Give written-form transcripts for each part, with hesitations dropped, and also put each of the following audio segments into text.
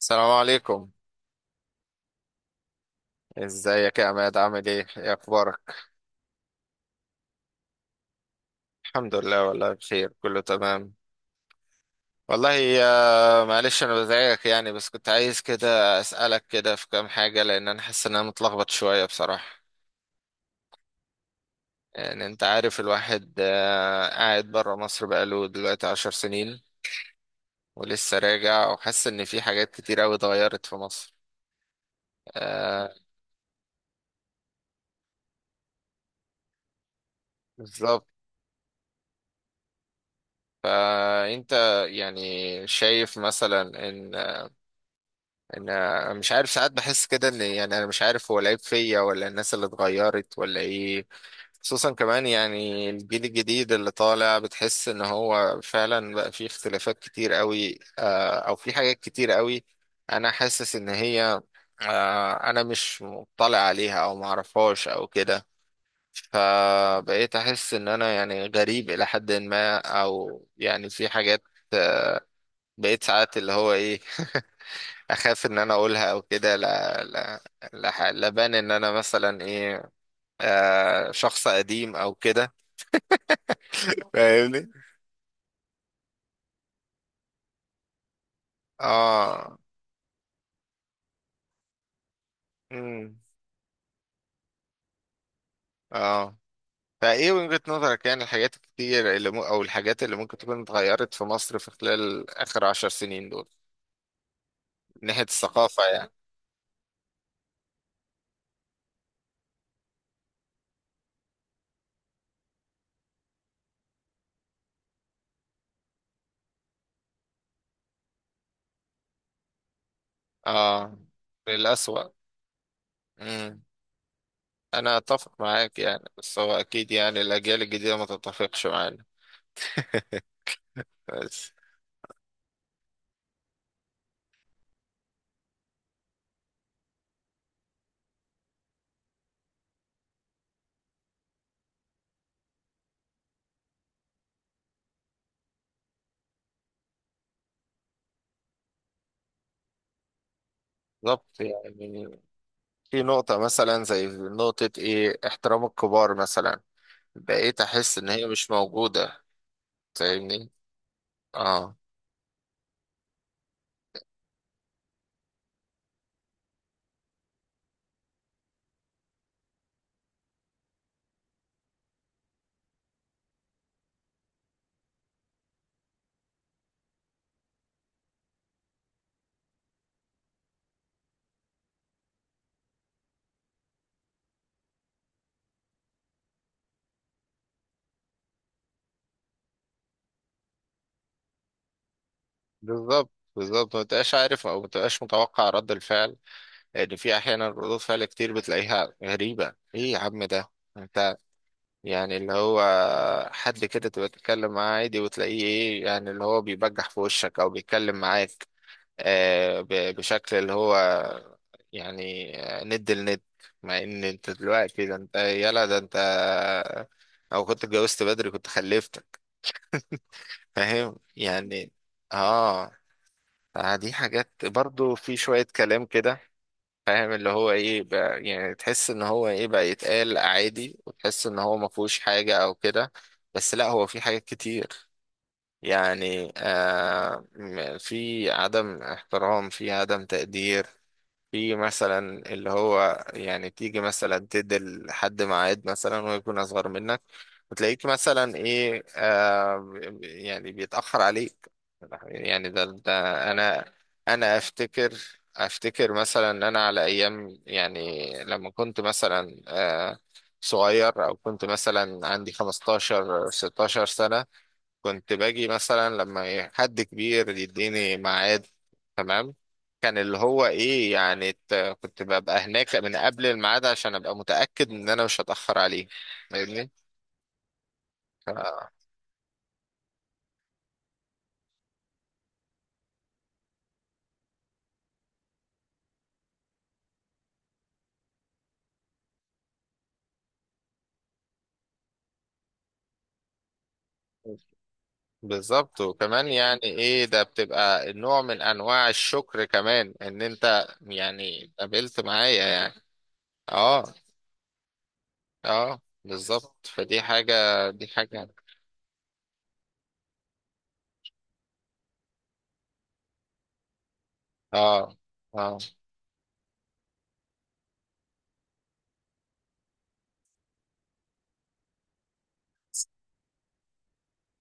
السلام عليكم. ازيك يا عماد، عامل ايه؟ ايه اخبارك؟ الحمد لله، والله بخير، كله تمام. والله يا معلش، انا بزعجك يعني بس كنت عايز كده اسالك كده في كام حاجه، لان انا حاسس ان انا متلخبط شويه بصراحه. يعني انت عارف الواحد، قاعد بره مصر بقاله دلوقتي 10 سنين. ولسه راجع، وحاسس ان في حاجات كتير قوي اتغيرت في مصر. آه، بالظبط. فانت يعني شايف مثلا ان ان انا مش عارف، ساعات بحس كده ان يعني انا مش عارف، هو العيب فيا ولا الناس اللي اتغيرت ولا ايه. خصوصا كمان يعني الجيل الجديد اللي طالع، بتحس ان هو فعلا بقى فيه اختلافات كتير قوي، او في حاجات كتير قوي. انا حاسس ان هي، انا مش مطلع عليها، او معرفهاش، او كده. فبقيت احس ان انا يعني غريب الى حد ما، او يعني في حاجات. آه، بقيت ساعات اللي هو ايه، اخاف ان انا اقولها او كده. لا، لا، لا، لبان ان انا مثلا ايه، شخص قديم او كده. فاهمني. اه، امم اه. فايه وجهة نظرك يعني، الحاجات الكتير اللي او الحاجات اللي ممكن تكون اتغيرت في مصر في خلال اخر 10 سنين دول، من ناحية الثقافة يعني. اه، للأسوأ. امم انا اتفق معاك يعني، بس هو اكيد يعني الاجيال الجديدة ما تتفقش معانا بس. بالظبط يعني. في نقطة مثلا زي نقطة ايه احترام الكبار مثلا، بقيت احس ان هي مش موجودة. فاهمني. اه، بالظبط، بالظبط، ما تبقاش عارف او ما تبقاش متوقع رد الفعل. لان في احيانا ردود فعل كتير بتلاقيها غريبة، ايه يا عم ده، انت يعني اللي هو حد كده تبقى تتكلم معاه عادي وتلاقيه ايه، يعني اللي هو بيبجح في وشك، او بيتكلم معاك بشكل اللي هو يعني ند لند، مع ان انت دلوقتي ده انت يلا، ده انت او كنت اتجوزت بدري كنت خلفتك. فاهم يعني. اه. دي حاجات برضو، في شوية كلام كده، فاهم اللي هو ايه بقى، يعني تحس ان هو ايه بقى يتقال عادي، وتحس ان هو ما فيهوش حاجة او كده. بس لا، هو في حاجات كتير يعني، في عدم احترام، في عدم تقدير. في مثلا اللي هو يعني تيجي مثلا تدي لحد ميعاد مثلا ويكون أصغر منك، وتلاقيك مثلا إيه، يعني بيتأخر عليك، يعني ده. أنا أنا أفتكر مثلا إن أنا على أيام، يعني لما كنت مثلا صغير، أو كنت مثلا عندي 15 16 سنة، كنت باجي مثلا لما إيه حد كبير يديني ميعاد، تمام. كان اللي هو ايه يعني، كنت ببقى هناك من قبل الميعاد، عشان ابقى متأكد ان انا مش هتأخر عليه. فاهمني. ف- بالظبط. وكمان يعني ايه ده، بتبقى نوع من انواع الشكر كمان، ان انت يعني قابلت معايا يعني. اه، اه، بالظبط. فدي حاجة، دي حاجة. اه، اه،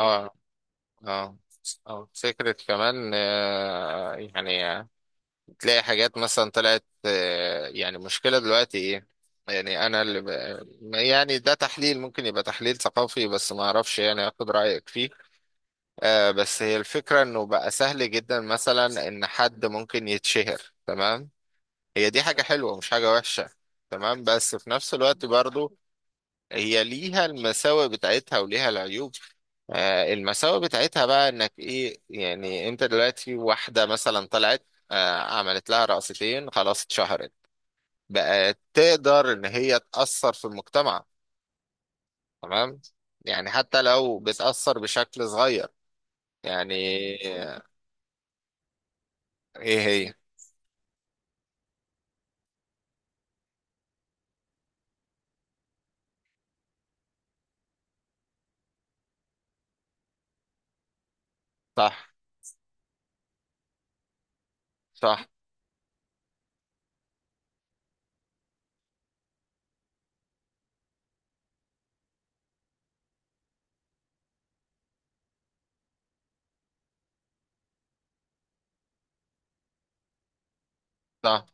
اه، اه، او فكرة كمان، يعني، تلاقي حاجات مثلا طلعت، يعني مشكلة دلوقتي ايه، يعني انا اللي يعني ده تحليل ممكن يبقى تحليل ثقافي، بس ما اعرفش يعني، اخد رأيك فيه. بس هي الفكرة انه بقى سهل جدا مثلا ان حد ممكن يتشهر، تمام. هي دي حاجة حلوة، مش حاجة وحشة. تمام، بس في نفس الوقت برضو هي ليها المساوئ بتاعتها وليها العيوب. المساوئ بتاعتها بقى انك ايه، يعني انت دلوقتي واحدة مثلا طلعت، عملت لها رقصتين خلاص اتشهرت، بقت تقدر ان هي تأثر في المجتمع، تمام، يعني حتى لو بتأثر بشكل صغير يعني، آه، ايه هي. صح، صح، صح.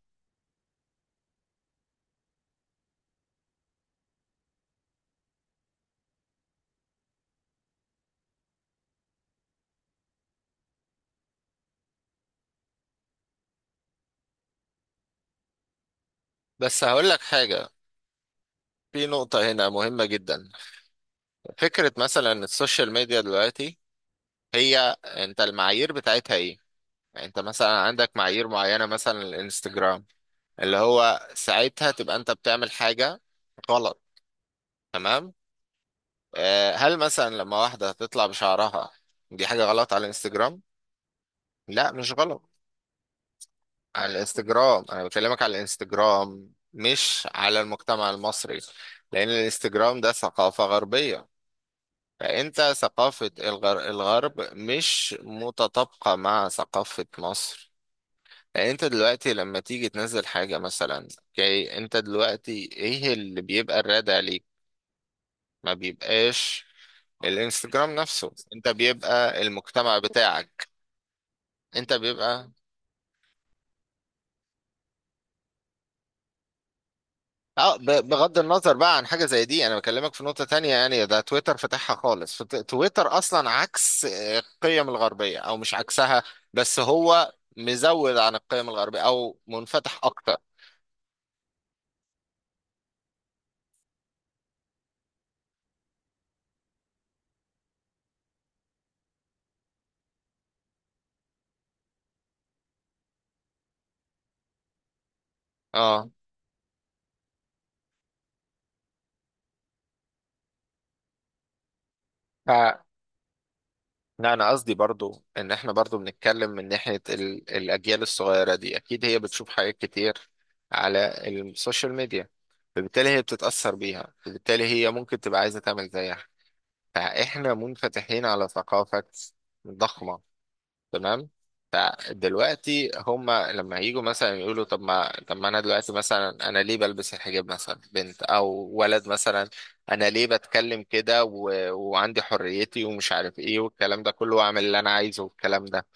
بس هقول لك حاجة، في نقطة هنا مهمة جدا، فكرة مثلا السوشيال ميديا دلوقتي، هي انت المعايير بتاعتها ايه؟ يعني انت مثلا عندك معايير معينة، مثلا الانستجرام اللي هو ساعتها تبقى انت بتعمل حاجة غلط، تمام. هل مثلا لما واحدة تطلع بشعرها دي حاجة غلط على الانستجرام؟ لا، مش غلط. على الانستجرام انا بكلمك، على الانستجرام مش على المجتمع المصري، لان الانستجرام ده ثقافة غربية. فانت ثقافة الغرب مش متطابقة مع ثقافة مصر. يعني انت دلوقتي لما تيجي تنزل حاجة مثلا، اوكي، انت دلوقتي ايه اللي بيبقى الرادع ليك؟ ما بيبقاش. الانستجرام نفسه، انت بيبقى المجتمع بتاعك، انت بيبقى. اه، بغض النظر بقى عن حاجة زي دي، انا بكلمك في نقطة تانية. يعني ده تويتر فتحها خالص، تويتر اصلا عكس القيم الغربية، او مش عكسها. بس هو مزود عن القيم الغربية، او منفتح اكتر. اه، لا انا قصدي برضو ان احنا برضو بنتكلم من ناحية الاجيال الصغيرة دي، اكيد هي بتشوف حاجات كتير على السوشيال ميديا، فبالتالي هي بتتأثر بيها، فبالتالي هي ممكن تبقى عايزة تعمل زيها. فاحنا منفتحين على ثقافة ضخمة، تمام. فدلوقتي هما لما هيجوا مثلا يقولوا، طب ما انا دلوقتي، مثلا انا ليه بلبس الحجاب مثلا بنت او ولد مثلا، انا ليه بتكلم كده وعندي حريتي، ومش عارف ايه والكلام ده كله، واعمل اللي انا عايزه والكلام ده،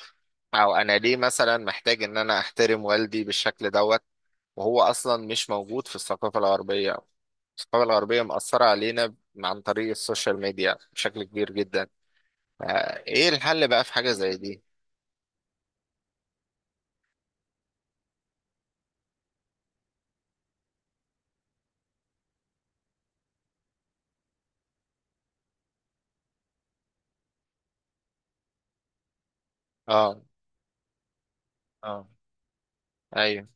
او انا ليه مثلا محتاج ان انا احترم والدي بالشكل دوت، وهو اصلا مش موجود في الثقافة الغربية. الثقافة الغربية مأثرة علينا عن طريق السوشيال ميديا بشكل كبير جدا. فايه الحل بقى في حاجة زي دي؟ اه، اه، ايوه،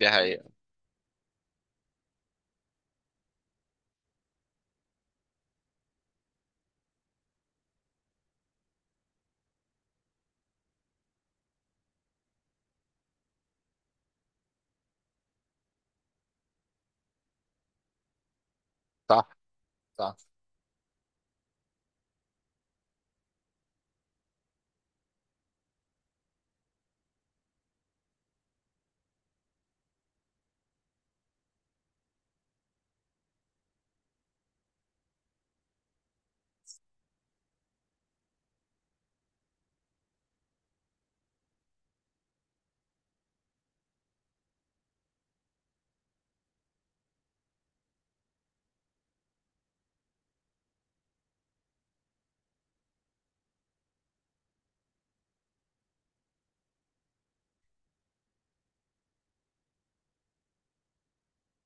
دي حقيقة، صح، صح.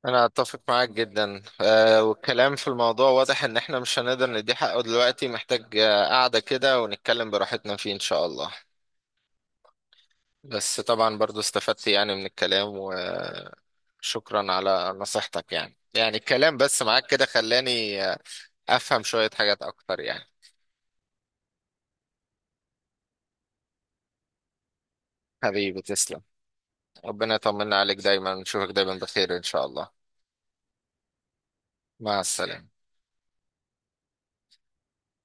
انا اتفق معاك جدا. والكلام في الموضوع واضح ان احنا مش هنقدر ندي حقه دلوقتي، محتاج قعدة كده ونتكلم براحتنا فيه ان شاء الله. بس طبعا برضو استفدت يعني من الكلام، وشكرا على نصيحتك، يعني الكلام بس معاك كده خلاني افهم شوية حاجات اكتر يعني. حبيبي تسلم. ربنا يطمنا عليك دايما، نشوفك دايما بخير ان شاء الله. مع السلامة.